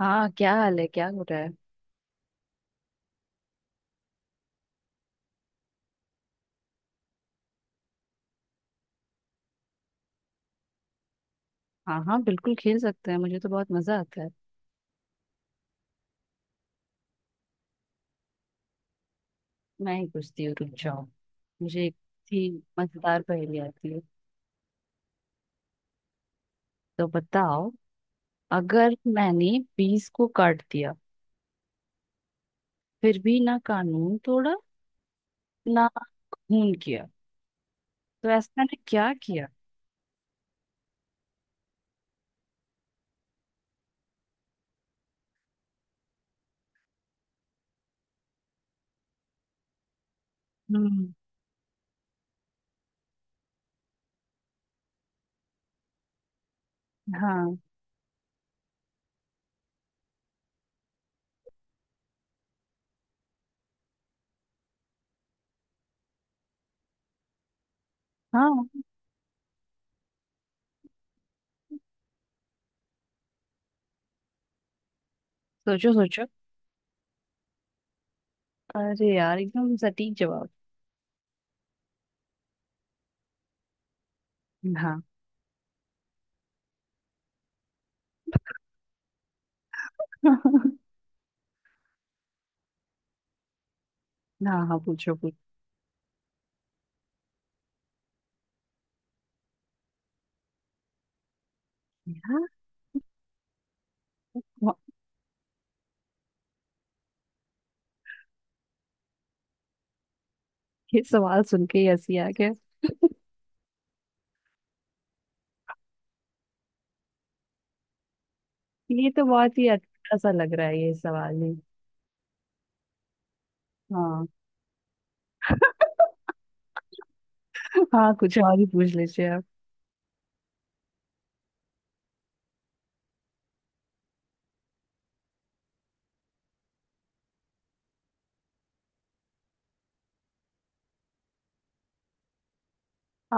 हाँ, क्या हाल है? क्या हो रहा है? हाँ हाँ, बिल्कुल खेल सकते हैं। मुझे तो बहुत मजा आता है। मैं ही पूछती हूँ, रुक जाओ। मुझे एक थी मजेदार पहेली आती है, तो बताओ। अगर मैंने बीस को काट दिया, फिर भी ना कानून तोड़ा, ना खून किया, तो ऐसा मैंने क्या किया? हम्म। हाँ हाँ। सोचो सोचो। अरे यार, एकदम सटीक जवाब। हाँ। हाँ हाँ, पूछो पूछो। यार, वाह, ये सवाल सुन के ही हंसी आ गया। ये तो बहुत ही अच्छा सा लग रहा है ये सवाल ही। हाँ। हाँ, कुछ और ही पूछ लीजिए आप।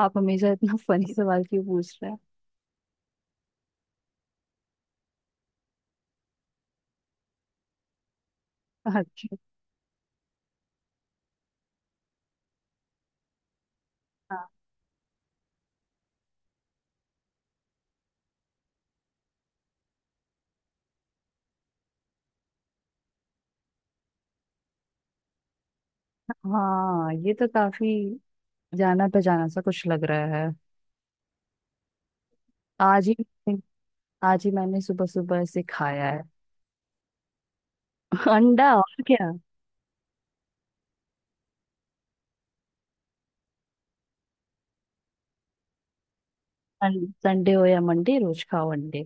आप हमेशा इतना फनी सवाल क्यों पूछ रहे हैं? अच्छा। हाँ। हाँ, ये तो काफी जाना पहचाना सा कुछ लग रहा है। आज ही, आज ही मैंने सुबह सुबह इसे खाया है। अंडा और क्या। संडे हो या मंडे, रोज खाओ अंडे।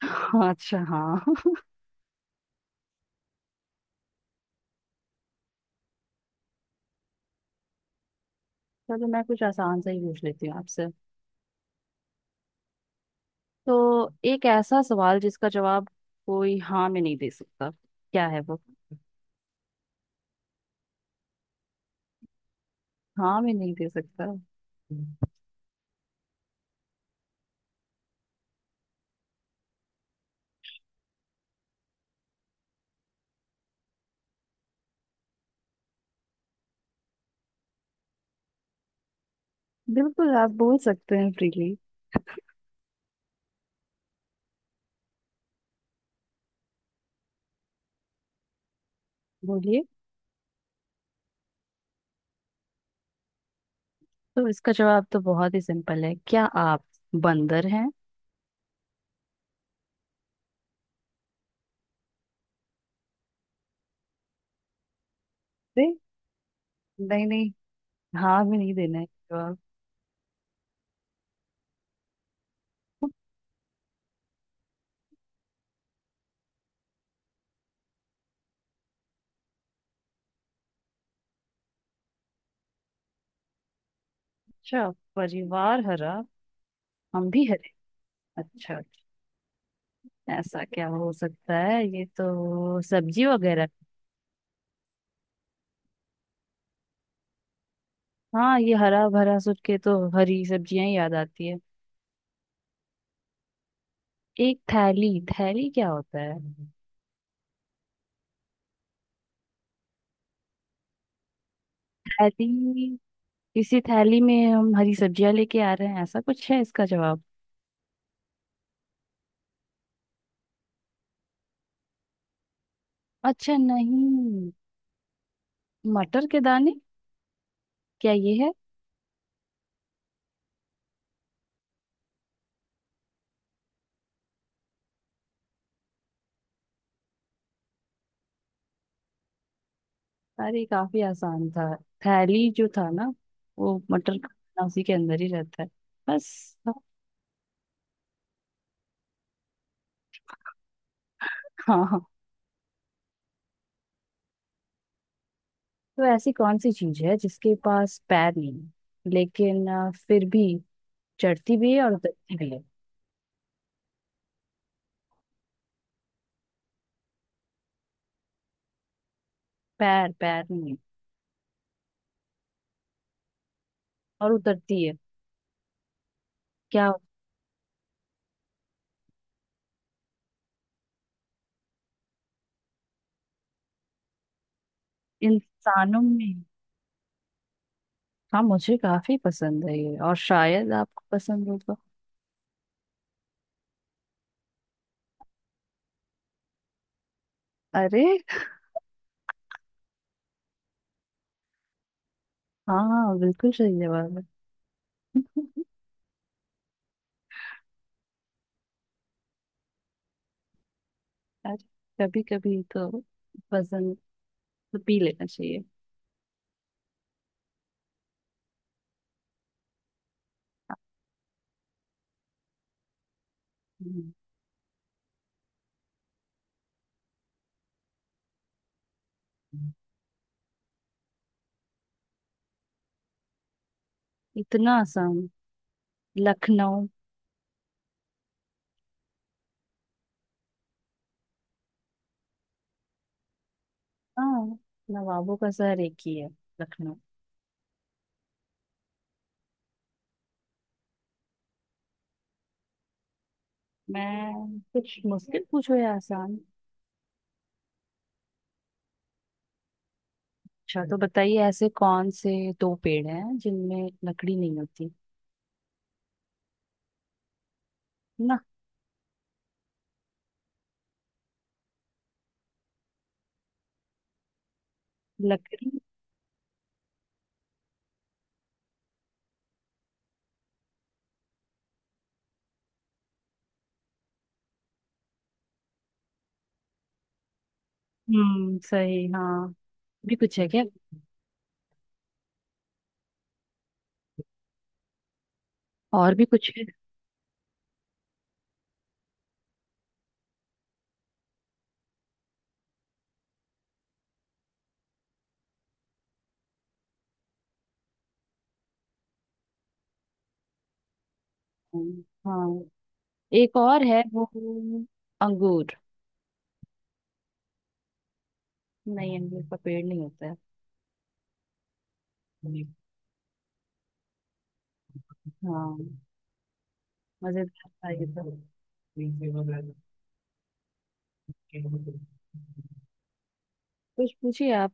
अच्छा। हाँ। चलो, मैं कुछ आसान सा ही पूछ लेती हूँ आपसे। तो एक ऐसा सवाल जिसका जवाब कोई हाँ में नहीं दे सकता, क्या है वो? हाँ मैं नहीं दे सकता। बिल्कुल, आप बोल सकते हैं फ्रीली। बोलिए। तो इसका जवाब तो बहुत ही सिंपल है। क्या आप बंदर हैं? दे, नहीं नहीं, हाँ में नहीं देना है जवाब। अच्छा। परिवार हरा, हम भी हरे। अच्छा। ऐसा क्या हो सकता है? ये तो सब्जी वगैरह। हाँ, ये हरा भरा सोच के तो हरी सब्जियां ही याद आती है। एक थैली, थैली क्या होता है? थैली। किसी थैली में हम हरी सब्जियां लेके आ रहे हैं, ऐसा कुछ है इसका जवाब? अच्छा, नहीं। मटर के दाने, क्या ये है? अरे, काफी आसान था। थैली जो था ना, वो मटर का दाना उसी के अंदर ही रहता है। बस। हाँ हाँ। तो ऐसी कौन सी चीज है जिसके पास पैर नहीं है, लेकिन फिर भी चढ़ती भी है और उतरती भी है? पैर, पैर नहीं है, और उतरती है। क्या इंसानों में? हाँ, मुझे काफी पसंद है ये, और शायद आपको पसंद होगा। अरे। हाँ हाँ, बिल्कुल सही जवाब है। यार, कभी कभी तो वजन तो पी लेना चाहिए। हम्म। इतना आसान, लखनऊ। हाँ, नवाबों का शहर एक ही है, लखनऊ। मैं कुछ मुश्किल पूछो या आसान? अच्छा, तो बताइए ऐसे कौन से दो पेड़ हैं जिनमें लकड़ी नहीं होती? ना लकड़ी। हम्म, सही। हाँ भी कुछ है क्या? और भी कुछ है। हाँ। एक और है वो, अंगूर। नहीं, अमरूद का पेड़ नहीं होता है। हाँ, मजेदार था ये तो। कुछ पूछिए आप,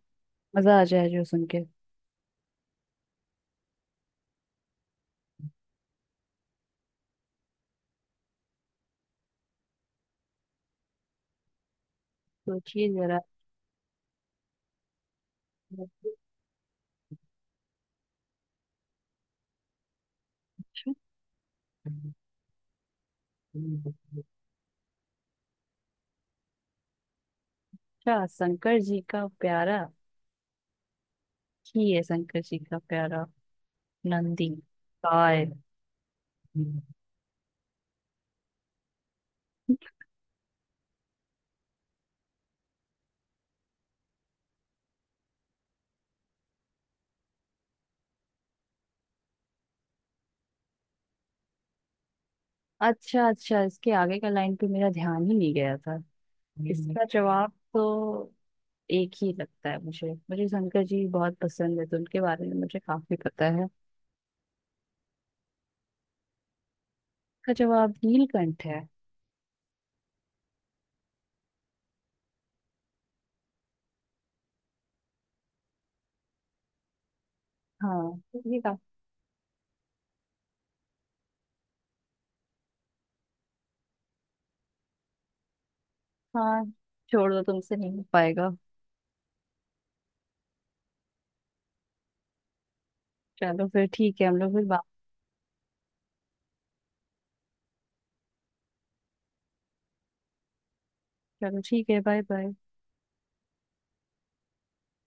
मजा आ जाए जो सुन के। सोचिए जरा। अच्छा, शंकर जी का प्यारा ही है, शंकर जी का प्यारा, नंदी, काय। अच्छा अच्छा, इसके आगे का लाइन पे मेरा ध्यान ही नहीं गया था। इसका जवाब तो एक ही लगता है मुझे। मुझे शंकर जी बहुत पसंद है, तो उनके बारे में मुझे काफी पता है। इसका जवाब नीलकंठ है। हाँ, ये का। हाँ, छोड़ दो, तुमसे नहीं हो पाएगा। चलो फिर, ठीक है, हम लोग फिर बात। चलो ठीक है, बाय बाय।